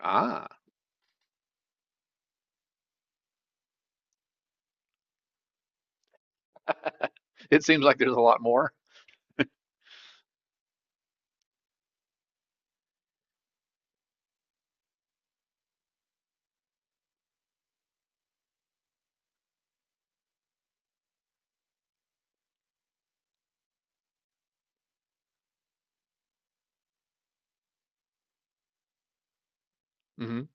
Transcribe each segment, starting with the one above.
Ah, it seems like there's a lot more. Hmm.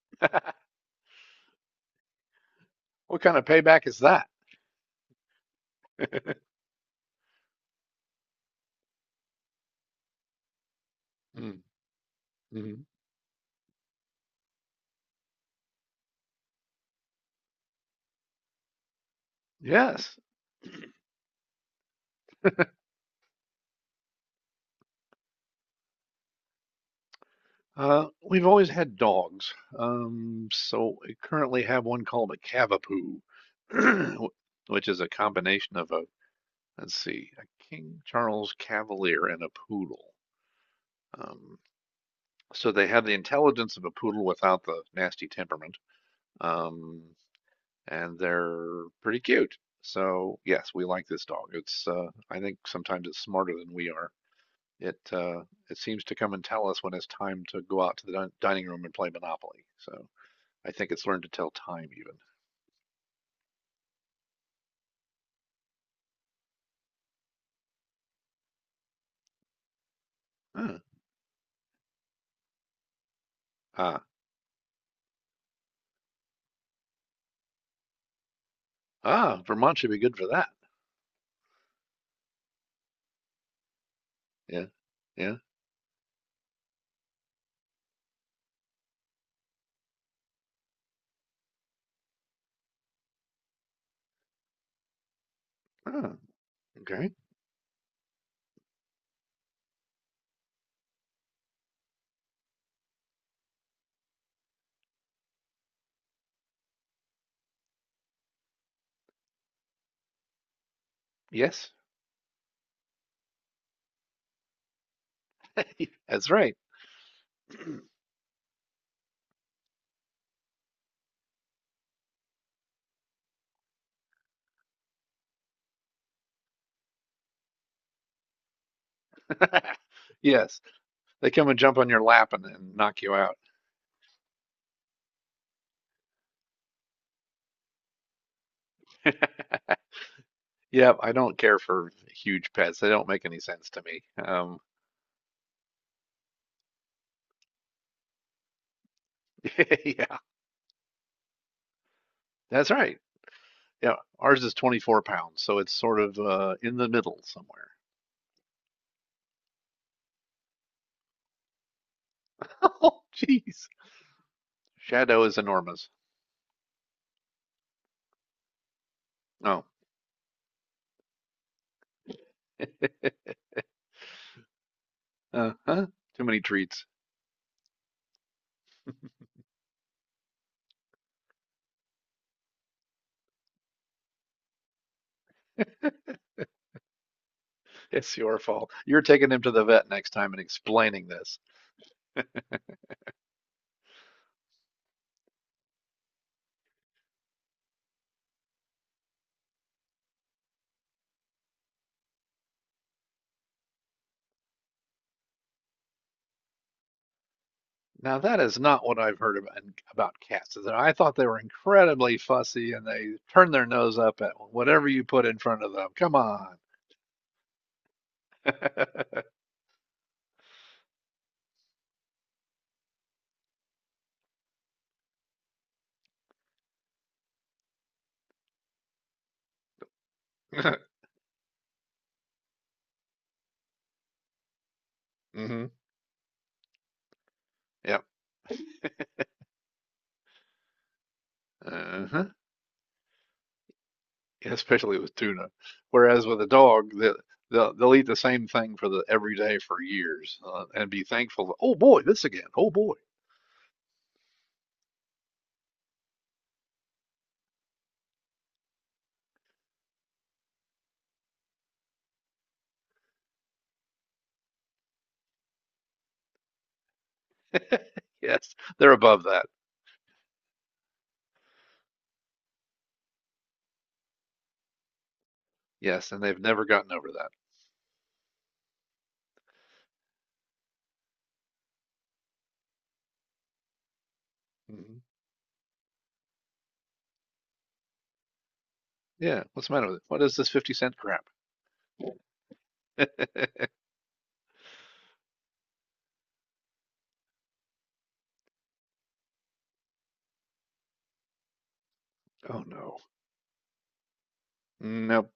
What kind of payback is that? Mm-hmm. Yes. We've always had dogs. So we currently have one called a Cavapoo, which is a combination of a, let's see, a King Charles Cavalier and a poodle. Um, so they have the intelligence of a poodle without the nasty temperament. Um, and they're pretty cute. So yes, we like this dog. It's I think sometimes it's smarter than we are. It uh, it seems to come and tell us when it's time to go out to the dining room and play Monopoly. So I think it's learned to tell time even. Huh. Ah. Ah, Vermont should be good for that. Yeah yeah. Ah, okay. Yes, that's right. Yes, they come and jump on your lap and knock you out. Yeah, I don't care for huge pets. They don't make any sense to me. Um, yeah. That's right. Yeah, ours is 24 pounds, so it's sort of in the middle somewhere. Oh, jeez. Shadow is enormous. Oh. Uh-huh. Too many treats. It's your fault. You're taking him to the vet next time and explaining this. Now, that is not what I've heard about cats. I thought they were incredibly fussy and they turn their nose up at whatever you put in front of them. Come on. Mm-hmm. Yep. Uh-huh. especially with tuna. Whereas with a dog, they'll eat the same thing for the every day for years and be thankful. Oh boy, this again. Oh boy. Yes, they're above that. Yes, and they've never gotten over that. Hmm. Yeah, what's the matter with it? What is this 50 cent crap? Oh no. Nope.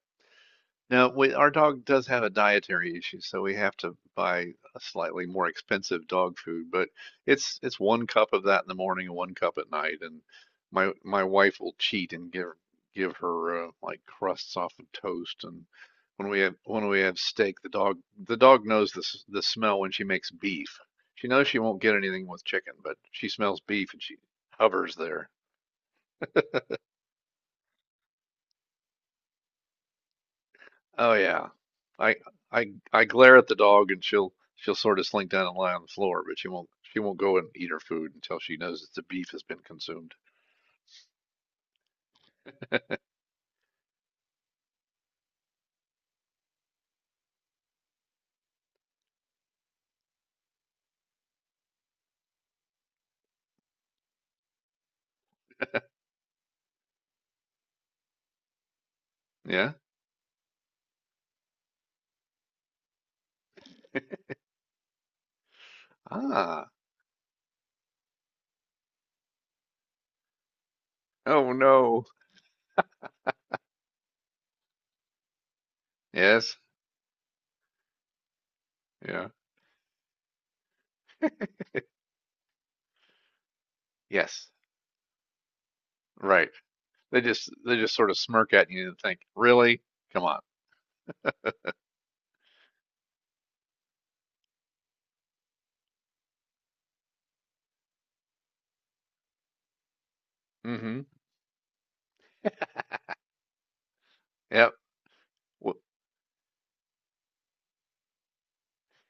Now, our dog does have a dietary issue, so we have to buy a slightly more expensive dog food, but it's one cup of that in the morning and one cup at night, and my wife will cheat and give her like crusts off of toast, and when we have steak, the dog knows the the smell when she makes beef. She knows she won't get anything with chicken, but she smells beef and she hovers there. Oh yeah. I I glare at the dog and she'll sort of slink down and lie on the floor, but she won't go and eat her food until she knows that the beef has been consumed. Yeah? Ah. Oh no. Yes. Yeah. Yes. Right. They just sort of smirk at you and think, "Really? Come on." Mm-hmm. Yep. W-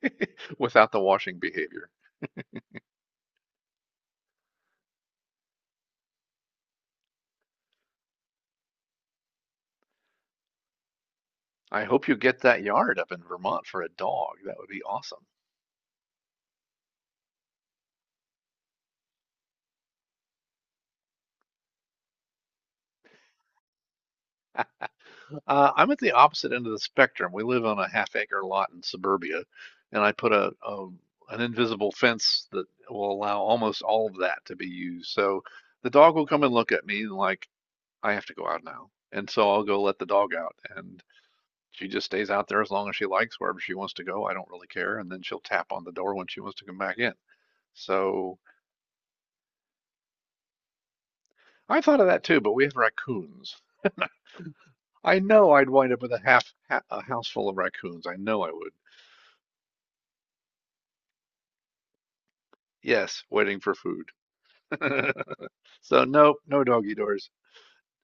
Without the washing behavior. I hope you get that yard up in Vermont for a dog. That would be awesome. I'm at the opposite end of the spectrum. We live on a half acre lot in suburbia, and I put a an invisible fence that will allow almost all of that to be used. So the dog will come and look at me and like, I have to go out now. And so I'll go let the dog out, and she just stays out there as long as she likes, wherever she wants to go. I don't really care. And then she'll tap on the door when she wants to come back in. So I thought of that too, but we have raccoons. I know I'd wind up with a half a house full of raccoons. I know I would. Yes, waiting for food. So no, no doggy doors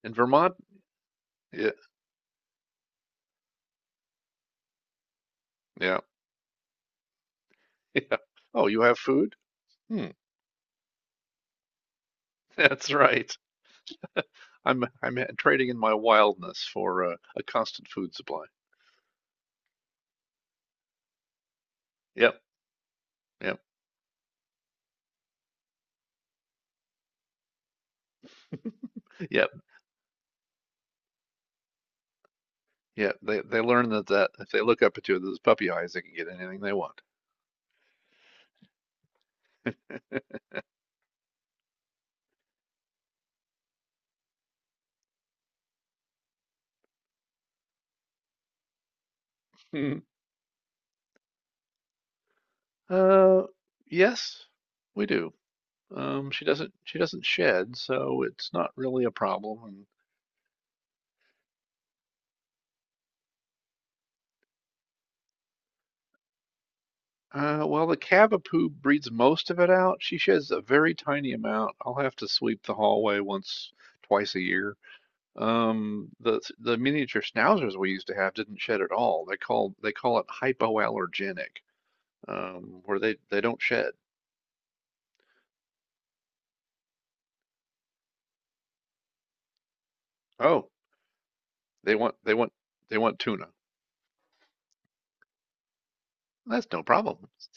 in Vermont. Yeah, yeah, yeah. Oh, you have food? Hmm, that's right. I'm trading in my wildness for a constant food supply. Yep, yep, yep, yep. They learn that if they look up at you with those puppy eyes, they can get anything they want. Hmm. Uh, yes, we do. She doesn't shed, so it's not really a problem. Well, the Cavapoo breeds most of it out. She sheds a very tiny amount. I'll have to sweep the hallway once, twice a year. The miniature schnauzers we used to have didn't shed at all. They call it hypoallergenic, where they don't shed. Oh, they want they want they want tuna. That's no problem.